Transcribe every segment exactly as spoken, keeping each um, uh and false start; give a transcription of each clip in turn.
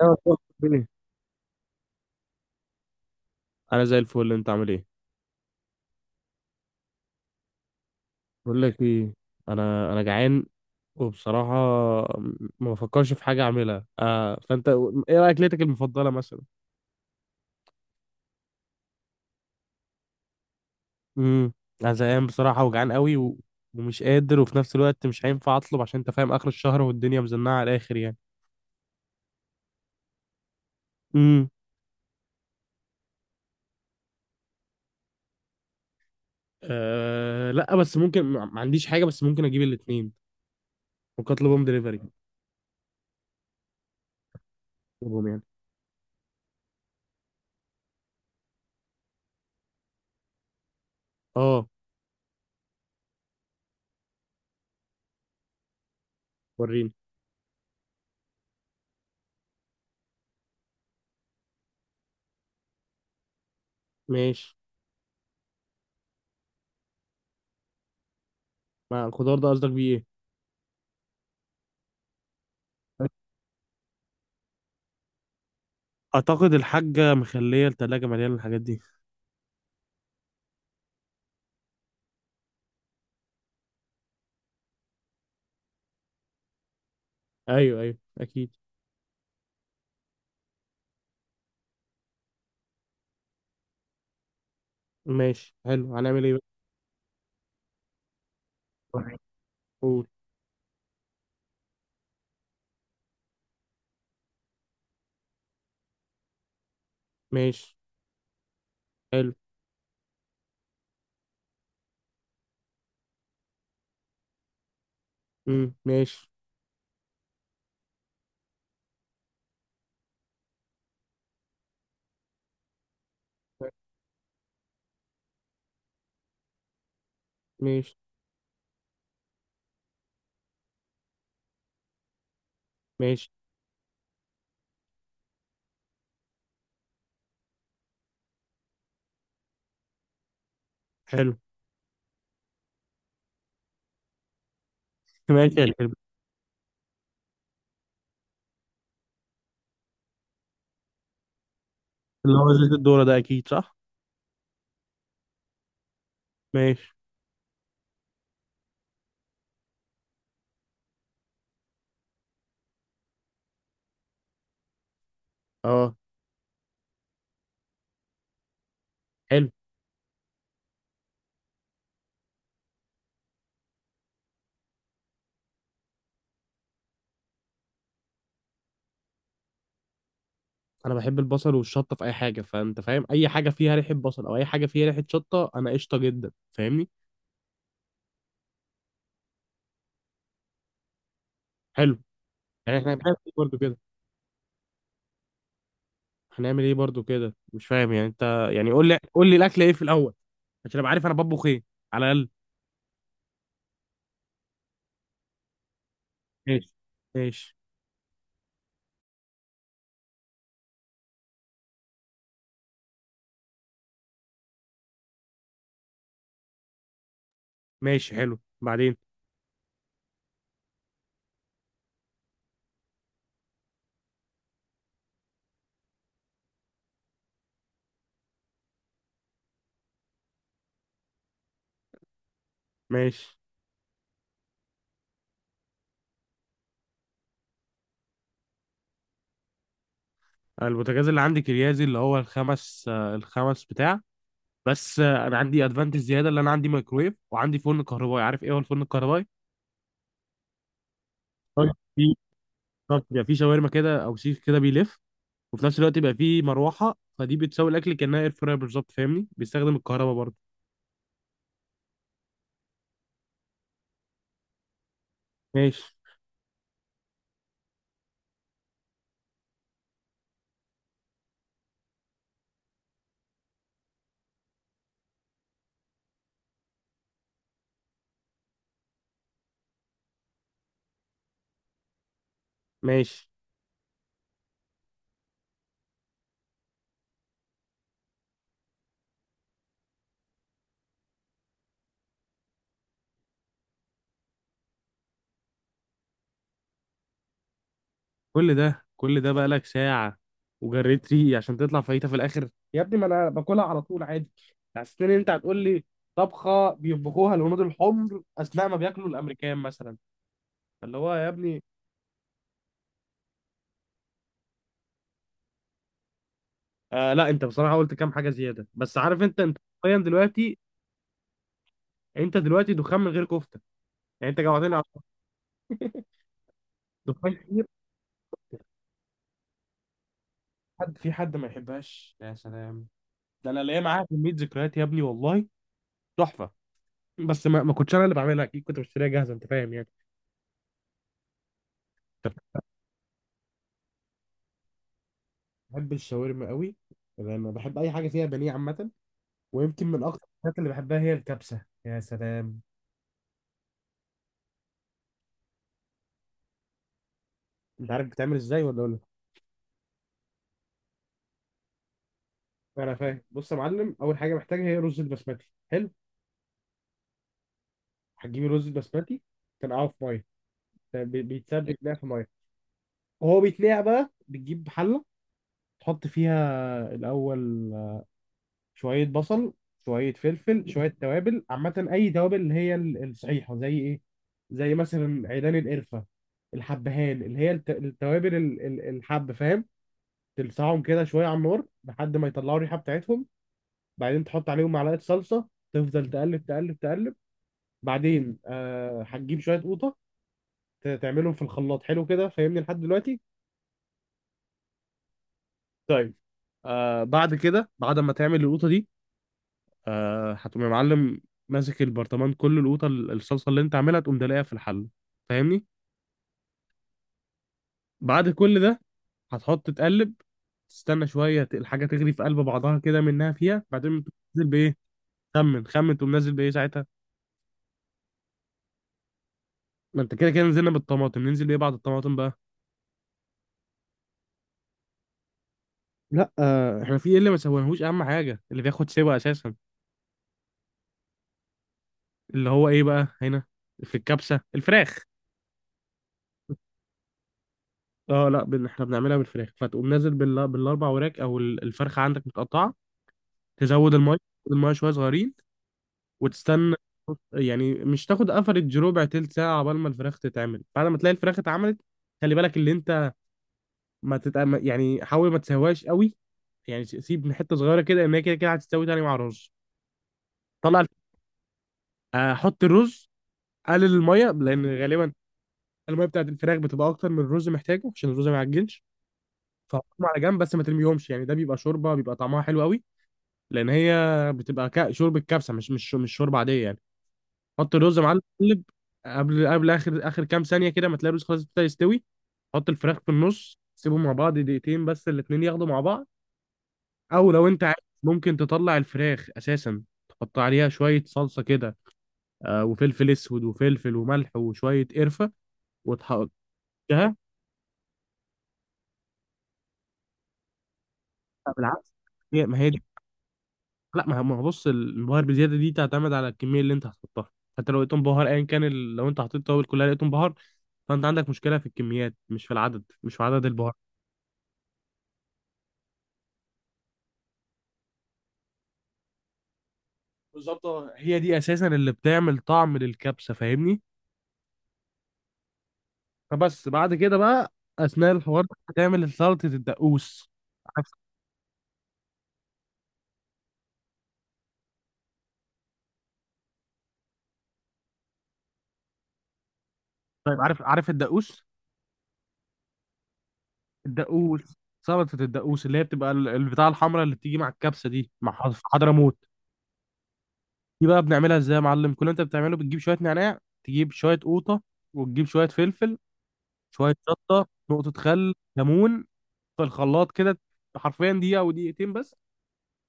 ايوه، طب. إيه؟ انا زي الفل. انت عامل ايه؟ بقول لك ايه. انا انا جعان، وبصراحه ما بفكرش في حاجه اعملها. آه فانت، ايه رايك؟ اكلتك المفضله مثلا؟ امم. انا زهقان بصراحه وجعان قوي و... ومش قادر، وفي نفس الوقت مش هينفع اطلب، عشان انت فاهم اخر الشهر والدنيا مزنقه على الاخر يعني. امم. آه لا، بس ممكن، ما ما عنديش حاجه، بس ممكن اجيب الاثنين. ممكن اطلبهم دليفري، اطلبهم يعني. اه. وريني. ماشي. مع الخضار ده قصدك بيه؟ ايه. اعتقد الحاجة مخلية التلاجة مليانة الحاجات دي. ايوه، ايوه، اكيد. ماشي، حلو، هنعمل ايه بقى؟ تمام. قول. ماشي. حلو. امم، ماشي. ماشي. ماشي. حلو. ماشي يا حلو. اللي هو زيت الذرة ده اكيد صح. ماشي. اه. حلو. انا بحب البصل والشطه في اي حاجه، فانت فاهم اي حاجه فيها ريحه بصل او اي حاجه فيها ريحه شطه انا قشطه جدا، فاهمني. حلو. يعني احنا هنعمل ايه برضو كده؟ هنعمل ايه برضو كده؟ مش فاهم يعني انت. يعني قول لي قول لي الاكل ايه في الاول، عشان ابقى عارف انا بطبخ ايه على الاقل. ماشي. ماشي. ماشي، حلو، بعدين؟ ماشي. البوتاجاز اللي عندي كريازي، اللي هو الخمس آه، الخمس بتاع. بس آه، انا عندي ادفانتج زياده، اللي انا عندي مايكرويف وعندي فرن كهربائي. عارف ايه هو الفرن الكهربائي؟ طيب، في. طب يبقى في شاورما كده او سيخ كده بيلف، وفي نفس الوقت يبقى في مروحه، فدي بتساوي الاكل كانها اير فراير بالظبط، فاهمني؟ بيستخدم الكهرباء برضه. ماشي. ماشي. كل ده كل ده بقى لك ساعة، وجريت ريقي عشان تطلع فايتة في الآخر يا ابني، ما انا باكلها على طول عادي. حسيت ان انت هتقول لي طبخه بيطبخوها الهنود الحمر اثناء ما بياكلوا الامريكان مثلا، فاللي هو يا ابني. آه لا، انت بصراحه قلت كام حاجه زياده، بس عارف انت انت حرفيا دلوقتي، انت دلوقتي دخان من غير كفته. يعني انت جوعتني على دخان كتير. حد، في حد ما يحبهاش؟ يا سلام، ده انا ليا معاها كميه ذكريات يا ابني والله، تحفه. بس ما, ما كنتش انا اللي بعملها، اكيد كنت بشتريها جاهزه، انت فاهم يعني. بحب الشاورما قوي. انا بحب اي حاجه فيها بانيه عامه. ويمكن من اكتر الحاجات اللي بحبها هي الكبسه، يا سلام. انت عارف بتعمل ازاي، ولا اقول لك؟ انا فاهم. بص يا معلم، اول حاجه محتاجها هي رز البسمتي، حلو. هتجيب الرز البسمتي، تنقعه في ميه. بي- بيتساب بيتنقع في ميه. وهو بيتنقع بقى، بتجيب حله، تحط فيها الاول شويه بصل، شويه فلفل، شويه توابل عامه، اي توابل اللي هي ال- الصحيحه، زي ايه؟ زي مثلا عيدان القرفه، الحبهان، اللي هي الت- التوابل ال- ال- الحب، فاهم؟ تلسعهم كده شويه على النار لحد ما يطلعوا الريحه بتاعتهم. بعدين تحط عليهم معلقه صلصه، تفضل تقلب تقلب تقلب. بعدين آه هتجيب شويه قوطه، ت- تعملهم في الخلاط، حلو كده، فاهمني لحد دلوقتي؟ طيب. آه بعد كده، بعد ما تعمل القوطه دي، آه هتقوم يا معلم ماسك البرطمان كله، القوطه ال- الصلصه اللي انت عاملها، تقوم دلقها في الحله، فاهمني؟ بعد كل ده هتحط تقلب، تستنى شويه ت- الحاجه تغلي في قلب بعضها كده منها فيها. بعدين تقوم نازل بايه؟ خمن خمن، تقوم نازل بايه ساعتها؟ ما انت كده كده نزلنا بالطماطم، ننزل بايه بعد الطماطم بقى؟ لا، آه، احنا في ايه اللي ما سويناهوش؟ اهم حاجه اللي بياخد سوا اساسا، اللي هو ايه بقى هنا في الكبسه؟ الفراخ. اه لا، بن- احنا بنعملها بالفراخ، فتقوم نازل بال... بالاربع وراك، او ال- الفرخه عندك متقطعه. تزود الميه. تزود الميه شويه صغيرين، وتستنى. يعني مش تاخد افريج، ربع تلت ساعه عقبال ما الفراخ تتعمل. بعد ما تلاقي الفراخ اتعملت، خلي بالك اللي انت. ما تت... يعني حاول ما تسويهاش قوي، يعني س- سيب حته صغيره كده، ان هي كده كده هتستوي تاني مع الرز. طلع الف- آه، حط الرز، قلل الميه، لان غالبا الميه بتاعت الفراخ بتبقى اكتر من الرز محتاجه، عشان الرز ما يعجنش. فحطهم على جنب بس، ما ترميهمش، يعني ده بيبقى شوربه، بيبقى طعمها حلو قوي. لان هي بتبقى كا- شوربه كبسه، مش مش مش شوربه عاديه يعني. حط الرز يا معلم، قلب. قبل قبل اخر اخر كام ثانيه كده، ما تلاقي الرز خلاص ابتدى يستوي، حط الفراخ في النص، سيبهم مع بعض دقيقتين بس، الاتنين ياخدوا مع بعض. او لو انت عايز، ممكن تطلع الفراخ اساسا، تحط عليها شويه صلصه كده، آه وفلفل اسود وفلفل وملح وشويه قرفه، وتحطها. بالعكس، هي- ما هي دي. لا، ما هو ما هو بص، البهار بزياده دي تعتمد على الكميه اللي انت هتحطها. حتى لو لقيتهم بهار، ايا كان ال- لو انت حطيت توابل كلها لقيتهم بهار. فانت عندك مشكله في الكميات، مش في العدد، مش في عدد البهار. بالظبط. آه. هي دي اساسا اللي بتعمل طعم للكبسه، فاهمني؟ فبس. بعد كده بقى، اثناء الحوار ده هتعمل سلطه الدقوس. عارف. طيب، عارف عارف الدقوس؟ الدقوس. سلطه الدقوس اللي هي بتبقى ال- البتاع الحمراء اللي بتيجي مع الكبسه دي، مع حض- في حضرموت. دي بقى بنعملها ازاي يا معلم؟ كل اللي انت بتعمله، بتجيب شويه نعناع، تجيب شويه قوطه، وتجيب شويه فلفل، شويه شطه، نقطه خل، ليمون، في الخلاط كده حرفيا دقيقه او دقيقتين بس.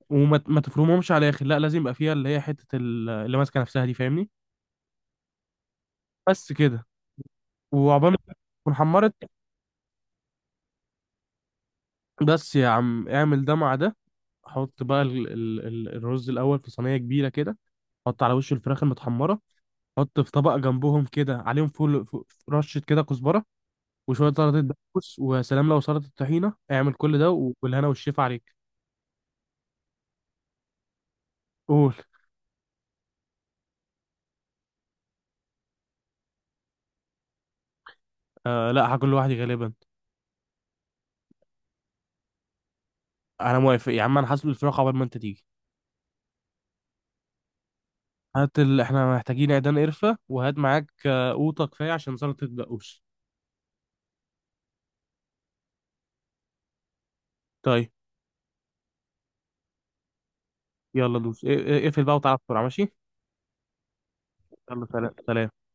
وما ما تفرمهمش على الاخر، لا، لازم يبقى فيها اللي هي حته ال- اللي ماسكه نفسها دي، فاهمني؟ بس كده. وعقبال ما تكون حمرت، بس يا عم، اعمل ده مع ده. حط بقى ال ال ال الرز الاول في صينيه كبيره كده، حط على وش الفراخ المتحمره، حط في طبق جنبهم كده عليهم فول، ف- رشه كده كزبره، وشويه سلطه دقوس، ويا سلام لو سلطه طحينه. اعمل كل ده و- والهنا والشيف عليك. قول. آه لا، هاكل لوحدي غالبا. انا موافق يا عم، انا هسلق الفراخ عقبال ما انت تيجي. هات ال... احنا محتاجين عيدان قرفة، وهات معاك آه، قوطة كفاية عشان سلطة الدقوس. طيب. يلا دوس، اق- اق- اقفل بقى وتعالى بسرعة، ماشي. يلا، سلام سلام.